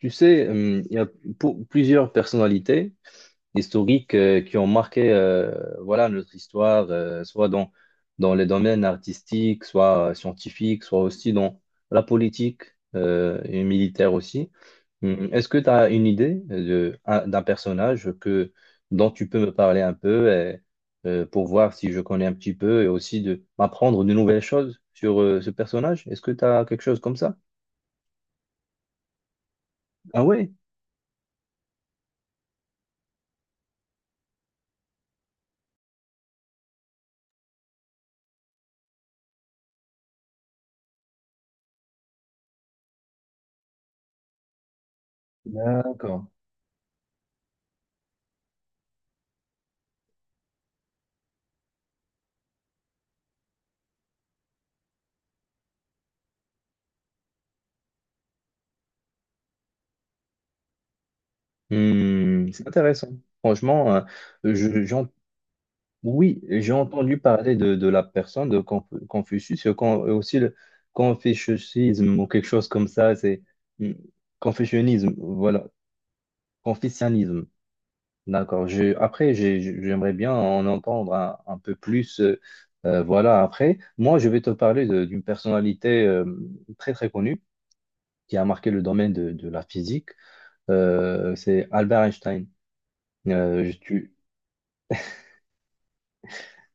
Tu sais, il y a plusieurs personnalités historiques qui ont marqué voilà, notre histoire, soit dans les domaines artistiques, soit scientifiques, soit aussi dans la politique et militaire aussi. Est-ce que tu as une idée d'un personnage que, dont tu peux me parler un peu et, pour voir si je connais un petit peu et aussi de m'apprendre de nouvelles choses sur ce personnage? Est-ce que tu as quelque chose comme ça? Ah ouais, d'accord. Hmm, c'est intéressant. Franchement, je, j'en- oui, j'ai entendu parler de la personne de Confucius, aussi le confucianisme ou quelque chose comme ça. C'est hmm, confucianisme, voilà, confucianisme. D'accord. Après, j'aimerais bien en entendre un peu plus. Voilà, après, moi, je vais te parler d'une personnalité très très connue qui a marqué le domaine de la physique. C'est Albert Einstein. Euh, je- tu-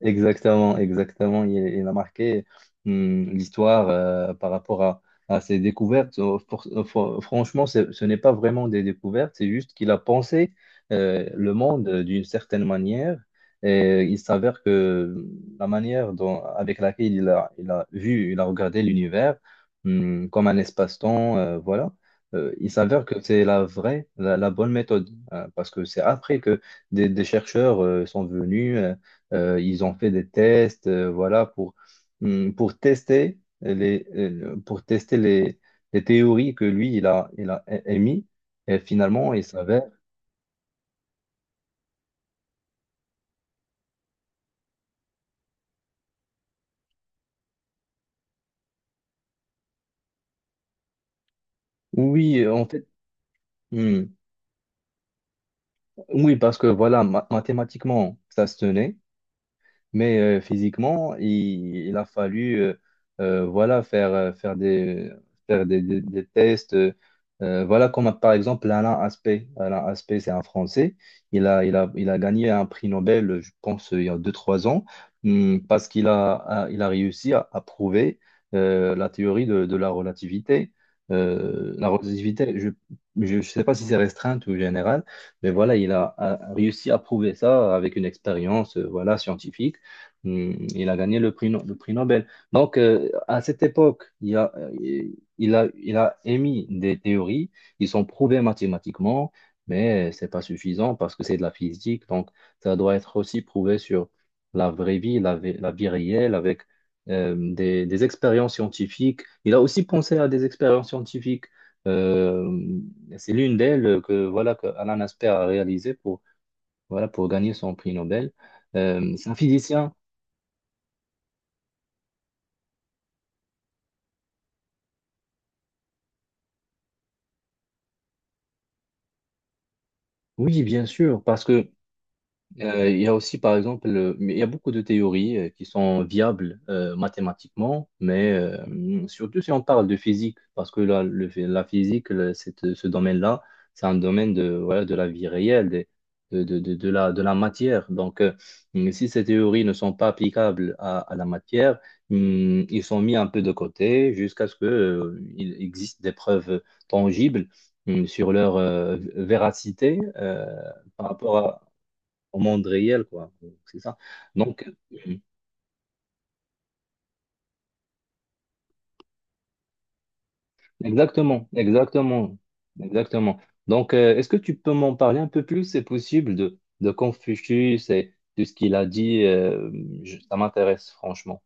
Exactement, exactement. Il a marqué l'histoire par rapport à ses découvertes. Franchement, ce n'est pas vraiment des découvertes, c'est juste qu'il a pensé le monde d'une certaine manière. Et il s'avère que la manière dont, avec laquelle il a vu, il a regardé l'univers comme un espace-temps, voilà. Il s'avère que c'est la bonne méthode, hein, parce que c'est après que des chercheurs sont venus. Ils ont fait des tests, voilà, pour tester les théories que lui, il a émis. Et finalement, il s'avère. Oui, en fait, hum, oui, parce que voilà, mathématiquement, ça se tenait. Mais physiquement, il a fallu voilà, faire des tests. Voilà, comme par exemple Alain Aspect. Alain Aspect, c'est un Français. Il il a gagné un prix Nobel, je pense, il y a deux trois ans, parce qu'il il a réussi à prouver la théorie de la relativité. La relativité, je ne sais pas si c'est restreinte ou générale. Mais voilà, il a réussi à prouver ça avec une expérience, scientifique. Hmm. Il a gagné le prix, le prix Nobel. Donc, à cette époque, il a émis des théories qui sont prouvées mathématiquement, mais c'est pas suffisant parce que c'est de la physique. Donc, ça doit être aussi prouvé sur la vraie vie, la, vie la vie réelle, avec des expériences scientifiques. Il a aussi pensé à des expériences scientifiques. Euh, c'est l'une d'elles que Alan Asper a réalisée pour gagner son prix Nobel. C'est un physicien. Oui, bien sûr, parce que il y a aussi, par exemple, mais il y a beaucoup de théories qui sont viables mathématiquement, mais surtout si on parle de physique, parce que la physique, ce domaine-là, c'est un domaine voilà, de la vie réelle, de la matière. Donc, si ces théories ne sont pas applicables à la matière, ils sont mis un peu de côté jusqu'à ce que, il existe des preuves tangibles sur leur véracité par rapport au monde réel, quoi. C'est ça. Donc, exactement, exactement, exactement. Donc, est-ce que tu peux m'en parler un peu plus, c'est possible, de Confucius et de ce qu'il a dit. Ça m'intéresse, franchement.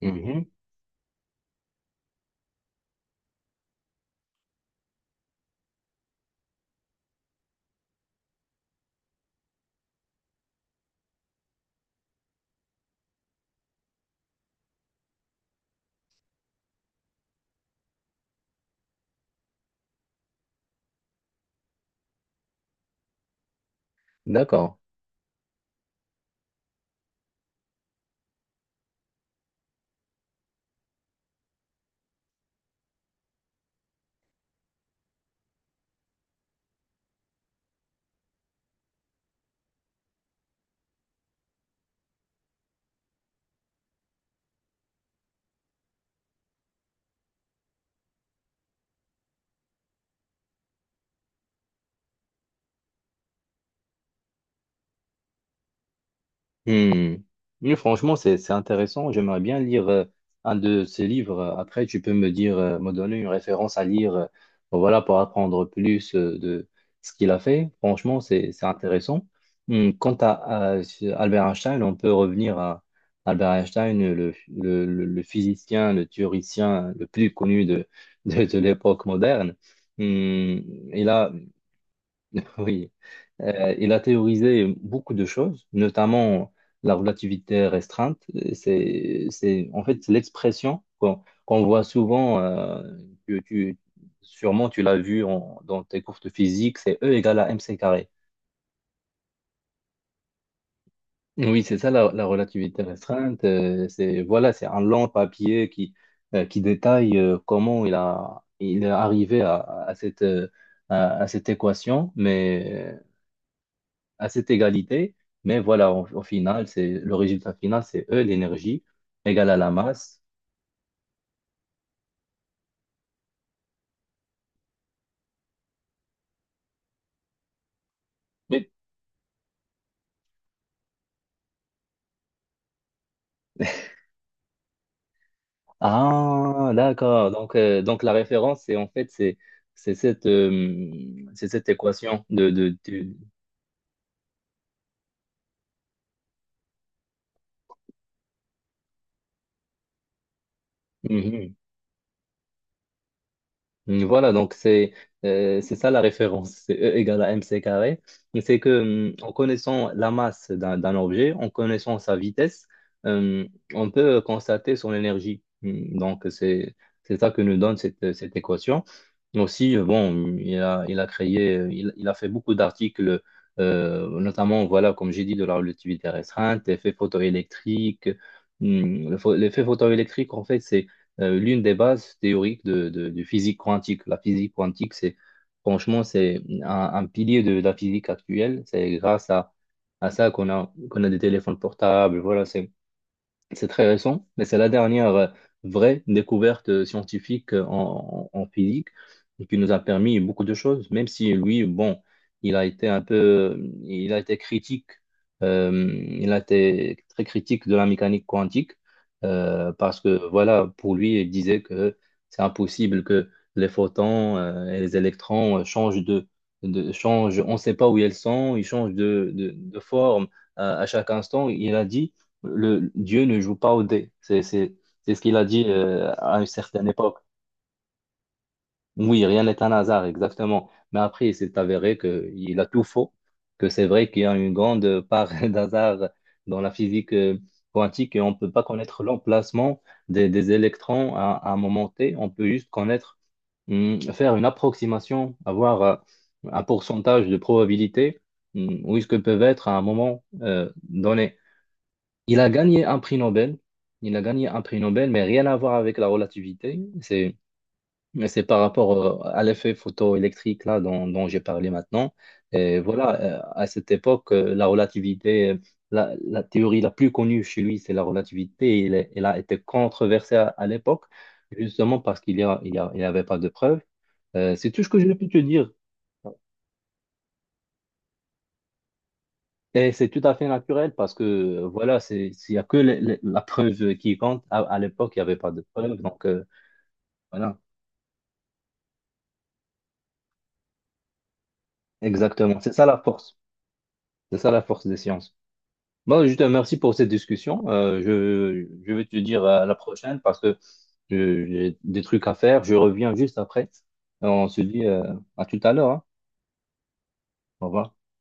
Mhm. Mhm. D'accord. Hmm. Oui, franchement, c'est intéressant. J'aimerais bien lire un de ces livres. Après, tu peux me donner une référence à lire, voilà, pour apprendre plus de ce qu'il a fait. Franchement, c'est intéressant. Hmm. Quant Albert Einstein, on peut revenir à Albert Einstein, le physicien, le théoricien le plus connu de l'époque moderne. Hmm. Il a oui, Il a théorisé beaucoup de choses, notamment la relativité restreinte. C'est, en fait, c'est l'expression qu'on voit souvent, que tu, sûrement tu l'as vu dans tes cours de physique, c'est E égale à mc carré. Oui, c'est ça la relativité restreinte. C'est, voilà, c'est un long papier qui détaille comment il est arrivé à cette, euh, à cette équation, mais à cette égalité. Mais voilà, au final, c'est le résultat final, c'est E, l'énergie, égale à la masse. Mais- Ah, d'accord. Donc, la référence, c'est en fait, c'est cette, euh, c'est cette équation. Mhm. Mm. Voilà, donc c'est ça la référence, c'est E égale à mc carré. Et c'est que en connaissant la masse d'un objet, en connaissant sa vitesse, euh, on peut constater son énergie. Mm. Donc c'est ça que nous donne cette équation. Aussi, bon, il a fait beaucoup d'articles, notamment, voilà, comme j'ai dit, de la relativité restreinte, effet photoélectrique. Mm. L'effet photoélectrique, en fait, l'une des bases théoriques de physique quantique. La physique quantique, c'est franchement, c'est un pilier la physique actuelle. C'est grâce à ça qu'on a des téléphones portables. Voilà, c'est très récent, mais c'est la dernière vraie découverte scientifique en physique et qui nous a permis beaucoup de choses, même si lui, bon, il a été critique, euh, il a été très critique de la mécanique quantique parce que, voilà, pour lui, il disait que c'est impossible que les photons et les électrons changent de. On ne sait pas où ils sont, ils changent de forme à chaque instant. Il a dit Dieu ne joue pas au dé. C'est ce qu'il a dit à une certaine époque. Oui, rien n'est un hasard, exactement. Mais après, il s'est avéré qu'il a tout faux, que c'est vrai qu'il y a une grande part d'hasard dans la physique quantique et on ne peut pas connaître l'emplacement des électrons à un moment T. On peut juste faire une approximation, avoir un pourcentage de probabilité, où est-ce que peuvent être à un moment donné. Il a gagné un prix Nobel. Il a gagné un prix Nobel, mais rien à voir avec la relativité. C'est par rapport à l'effet photoélectrique là dont j'ai parlé maintenant. Et voilà, à cette époque, la théorie la plus connue chez lui, c'est la relativité. Elle, a été controversée à l'époque, justement parce qu'il y a- il n'y avait pas de preuves. C'est tout ce que je peux te dire. Et c'est tout à fait naturel parce que voilà, s'il n'y a que la preuve qui compte, à l'époque, il n'y avait pas de preuve. Donc, voilà, exactement. C'est ça la force. C'est ça la force des sciences. Bon, je te remercie pour cette discussion. Je vais te dire à la prochaine parce que j'ai des trucs à faire. Je reviens juste après. On se dit à tout à l'heure, hein. Au revoir.